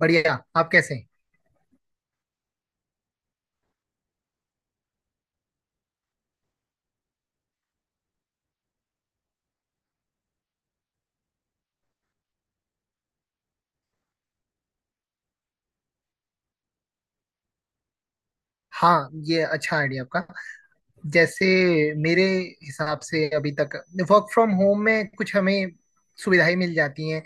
बढ़िया, आप कैसे हैं? हाँ, ये अच्छा आइडिया आपका। जैसे मेरे हिसाब से अभी तक वर्क फ्रॉम होम में कुछ हमें सुविधाएं मिल जाती हैं।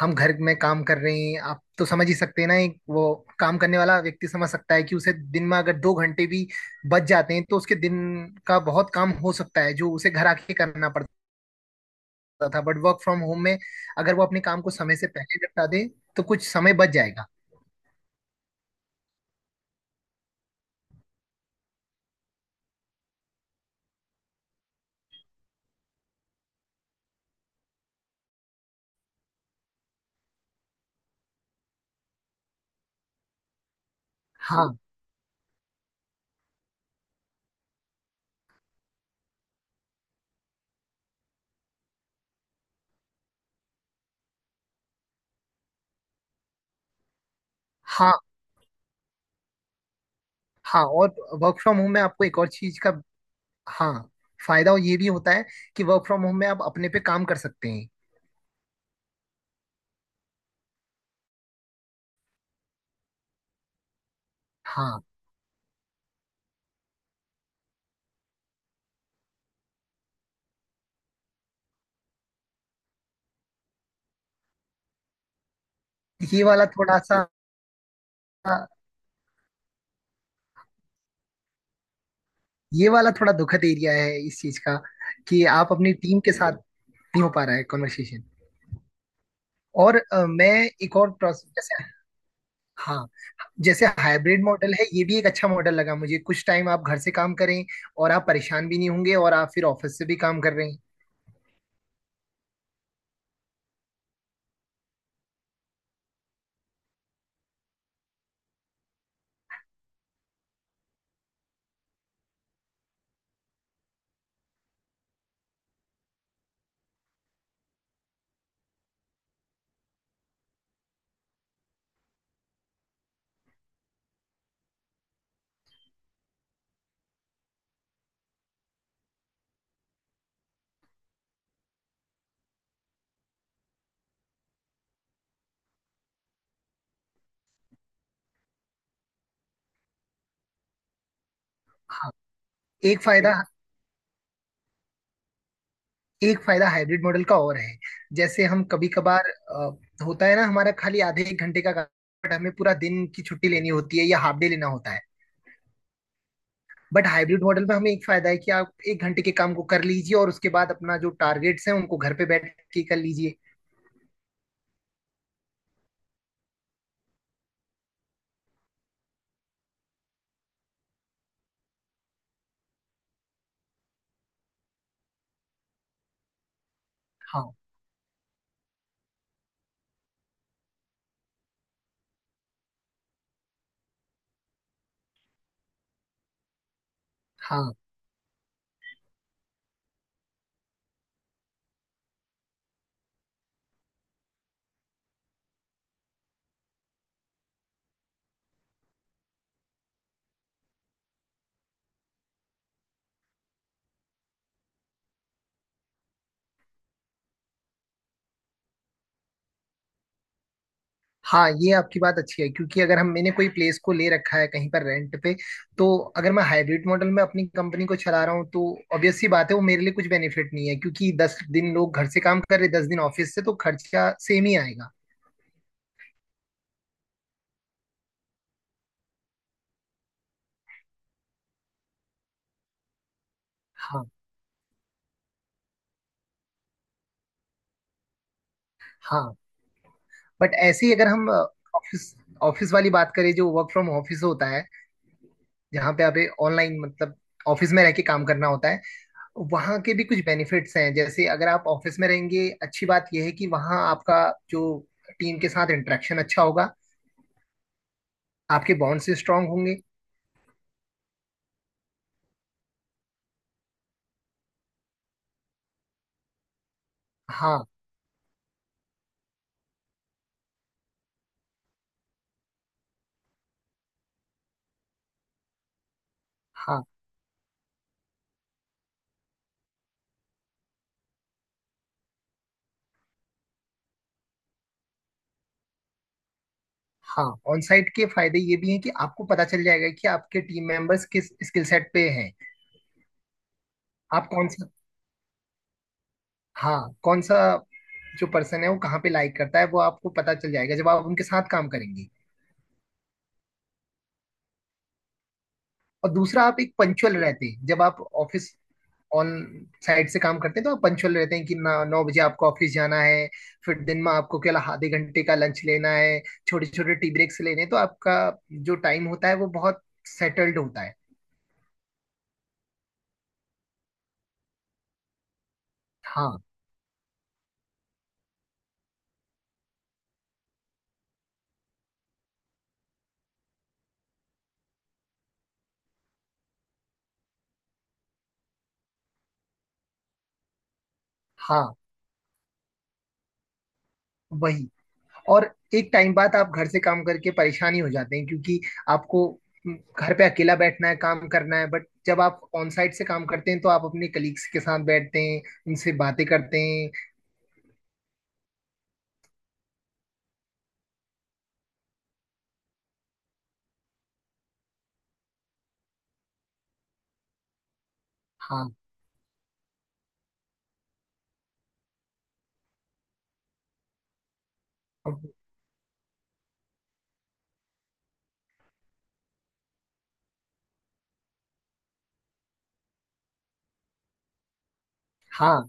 हम घर में काम कर रहे हैं, आप तो समझ ही सकते हैं ना, एक वो काम करने वाला व्यक्ति समझ सकता है कि उसे दिन में अगर 2 घंटे भी बच जाते हैं तो उसके दिन का बहुत काम हो सकता है जो उसे घर आके करना पड़ता था। बट वर्क फ्रॉम होम में अगर वो अपने काम को समय से पहले निपटा दे तो कुछ समय बच जाएगा। हाँ, हाँ, हाँ। और वर्क फ्रॉम होम में आपको एक और चीज का, हाँ, फायदा ये भी होता है कि वर्क फ्रॉम होम में आप अपने पे काम कर सकते हैं। हाँ, ये वाला थोड़ा सा, ये वाला थोड़ा दुखद एरिया है इस चीज का कि आप अपनी टीम के साथ नहीं हो पा रहा है कॉन्वर्सेशन। और मैं एक और प्रोसेस जैसे, हाँ, जैसे हाइब्रिड मॉडल है, ये भी एक अच्छा मॉडल लगा मुझे। कुछ टाइम आप घर से काम करें और आप परेशान भी नहीं होंगे, और आप फिर ऑफिस से भी काम कर रहे हैं। हाँ, एक फायदा, एक फायदा हाइब्रिड मॉडल का और है। जैसे हम कभी कभार, होता है ना, हमारा खाली आधे एक घंटे का काम, बट हमें पूरा दिन की छुट्टी लेनी होती है या हाफ डे लेना होता है। बट हाइब्रिड मॉडल में हमें एक फायदा है कि आप 1 घंटे के काम को कर लीजिए और उसके बाद अपना जो टारगेट्स हैं उनको घर पे बैठ के कर लीजिए। हाँ, हाँ। हाँ, ये आपकी बात अच्छी है क्योंकि अगर हम, मैंने कोई प्लेस को ले रखा है कहीं पर रेंट पे, तो अगर मैं हाइब्रिड मॉडल में अपनी कंपनी को चला रहा हूँ तो ऑब्वियस सी बात है वो मेरे लिए कुछ बेनिफिट नहीं है क्योंकि 10 दिन लोग घर से काम कर रहे, 10 दिन ऑफिस से, तो खर्चा सेम ही आएगा। हाँ, हाँ। बट ऐसे ही अगर हम ऑफिस, ऑफिस वाली बात करें, जो वर्क फ्रॉम ऑफिस होता है, जहाँ पे आप ऑनलाइन मतलब ऑफिस में रह के काम करना होता है, वहाँ के भी कुछ बेनिफिट्स हैं। जैसे अगर आप ऑफिस में रहेंगे, अच्छी बात यह है कि वहाँ आपका जो टीम के साथ इंटरेक्शन अच्छा होगा, आपके बॉन्ड्स स्ट्रांग होंगे। हाँ, हाँ। हाँ, ऑन साइट के फायदे ये भी हैं कि आपको पता चल जाएगा कि आपके टीम मेंबर्स किस स्किल सेट पे हैं। आप कौन सा, हाँ, कौन सा, जो पर्सन है वो कहाँ पे लाइक करता है वो आपको पता चल जाएगा जब आप उनके साथ काम करेंगे। और दूसरा, आप एक पंचुअल रहते हैं जब आप ऑफिस, ऑन साइड से काम करते हैं तो आप पंचुअल रहते हैं कि ना, 9 बजे आपको ऑफिस जाना है, फिर दिन में आपको केवल आधे घंटे का लंच लेना है, छोटे छोटे टी ब्रेक्स लेने हैं, तो आपका जो टाइम होता है वो बहुत सेटल्ड होता है। हाँ, हाँ, वही। और एक टाइम बाद आप घर से काम करके परेशानी हो जाते हैं क्योंकि आपको, घर पे अकेला बैठना है, काम करना है। बट जब आप ऑन साइट से काम करते हैं तो आप अपने कलीग्स के साथ बैठते हैं, उनसे बातें करते हैं। हाँ, हाँ।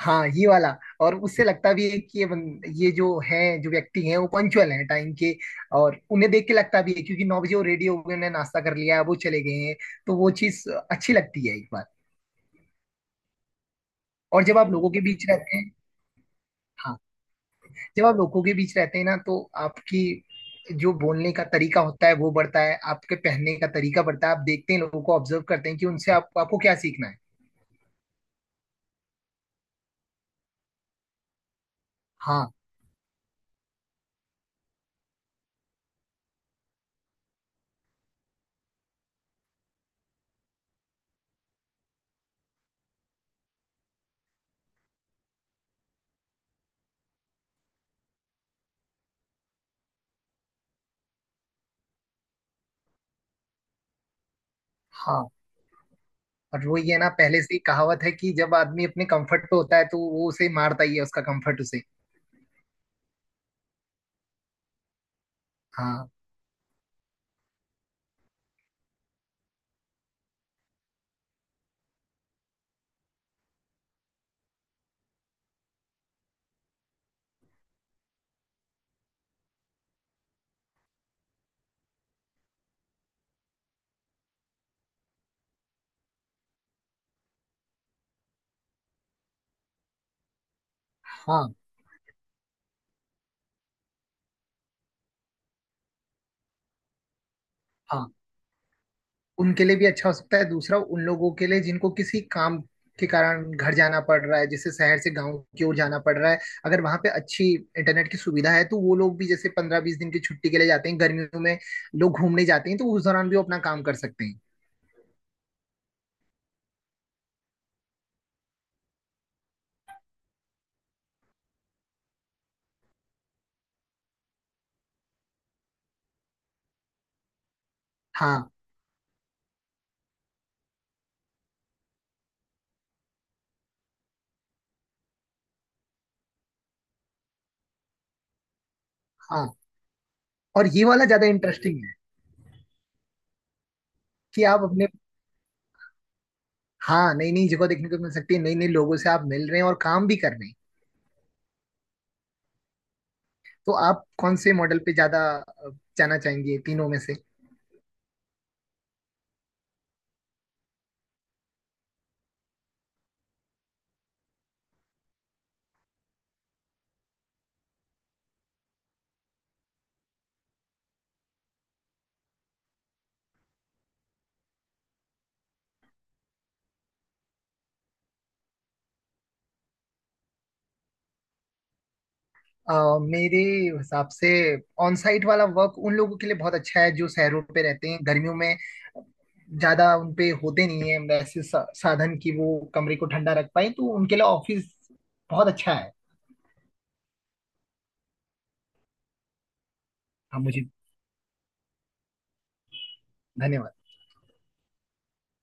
हाँ, ये वाला, और उससे लगता भी है कि ये जो है, जो व्यक्ति हैं वो पंक्चुअल हैं टाइम के। और उन्हें देख के लगता भी है क्योंकि 9 बजे वो रेडी हो गए, उन्हें नाश्ता कर लिया है, वो चले गए हैं, तो वो चीज अच्छी लगती है एक बार। और जब आप लोगों के बीच रहते हैं, हाँ, जब आप लोगों के बीच रहते हैं ना, तो आपकी जो बोलने का तरीका होता है वो बढ़ता है, आपके पहनने का तरीका बढ़ता है, आप देखते हैं लोगों को, ऑब्जर्व करते हैं कि उनसे आपको क्या सीखना है। हाँ, हाँ। और वो ये ना, पहले से ही कहावत है कि जब आदमी अपने कंफर्ट पे होता है तो वो उसे मारता ही है उसका कंफर्ट उसे। हाँ, हाँ। हाँ, उनके लिए भी अच्छा हो सकता है। दूसरा, उन लोगों के लिए जिनको किसी काम के कारण घर जाना पड़ रहा है, जैसे शहर से गांव की ओर जाना पड़ रहा है, अगर वहां पे अच्छी इंटरनेट की सुविधा है, तो वो लोग भी, जैसे 15-20 दिन की छुट्टी के लिए जाते हैं गर्मियों में, लोग घूमने जाते हैं, तो उस दौरान भी वो अपना काम कर सकते हैं। हाँ, हाँ। और ये वाला ज्यादा इंटरेस्टिंग है कि आप अपने, हाँ, नई नई जगह देखने को मिल सकती है, नई नई लोगों से आप मिल रहे हैं और काम भी कर रहे हैं। तो आप कौन से मॉडल पे ज्यादा जाना चाहेंगे तीनों में से? मेरे हिसाब से ऑन साइट वाला वर्क उन लोगों के लिए बहुत अच्छा है जो शहरों पे रहते हैं, गर्मियों में ज्यादा उनपे होते नहीं है वैसे साधन कि वो कमरे को ठंडा रख पाए, तो उनके लिए ऑफिस बहुत अच्छा है। हाँ, मुझे, धन्यवाद।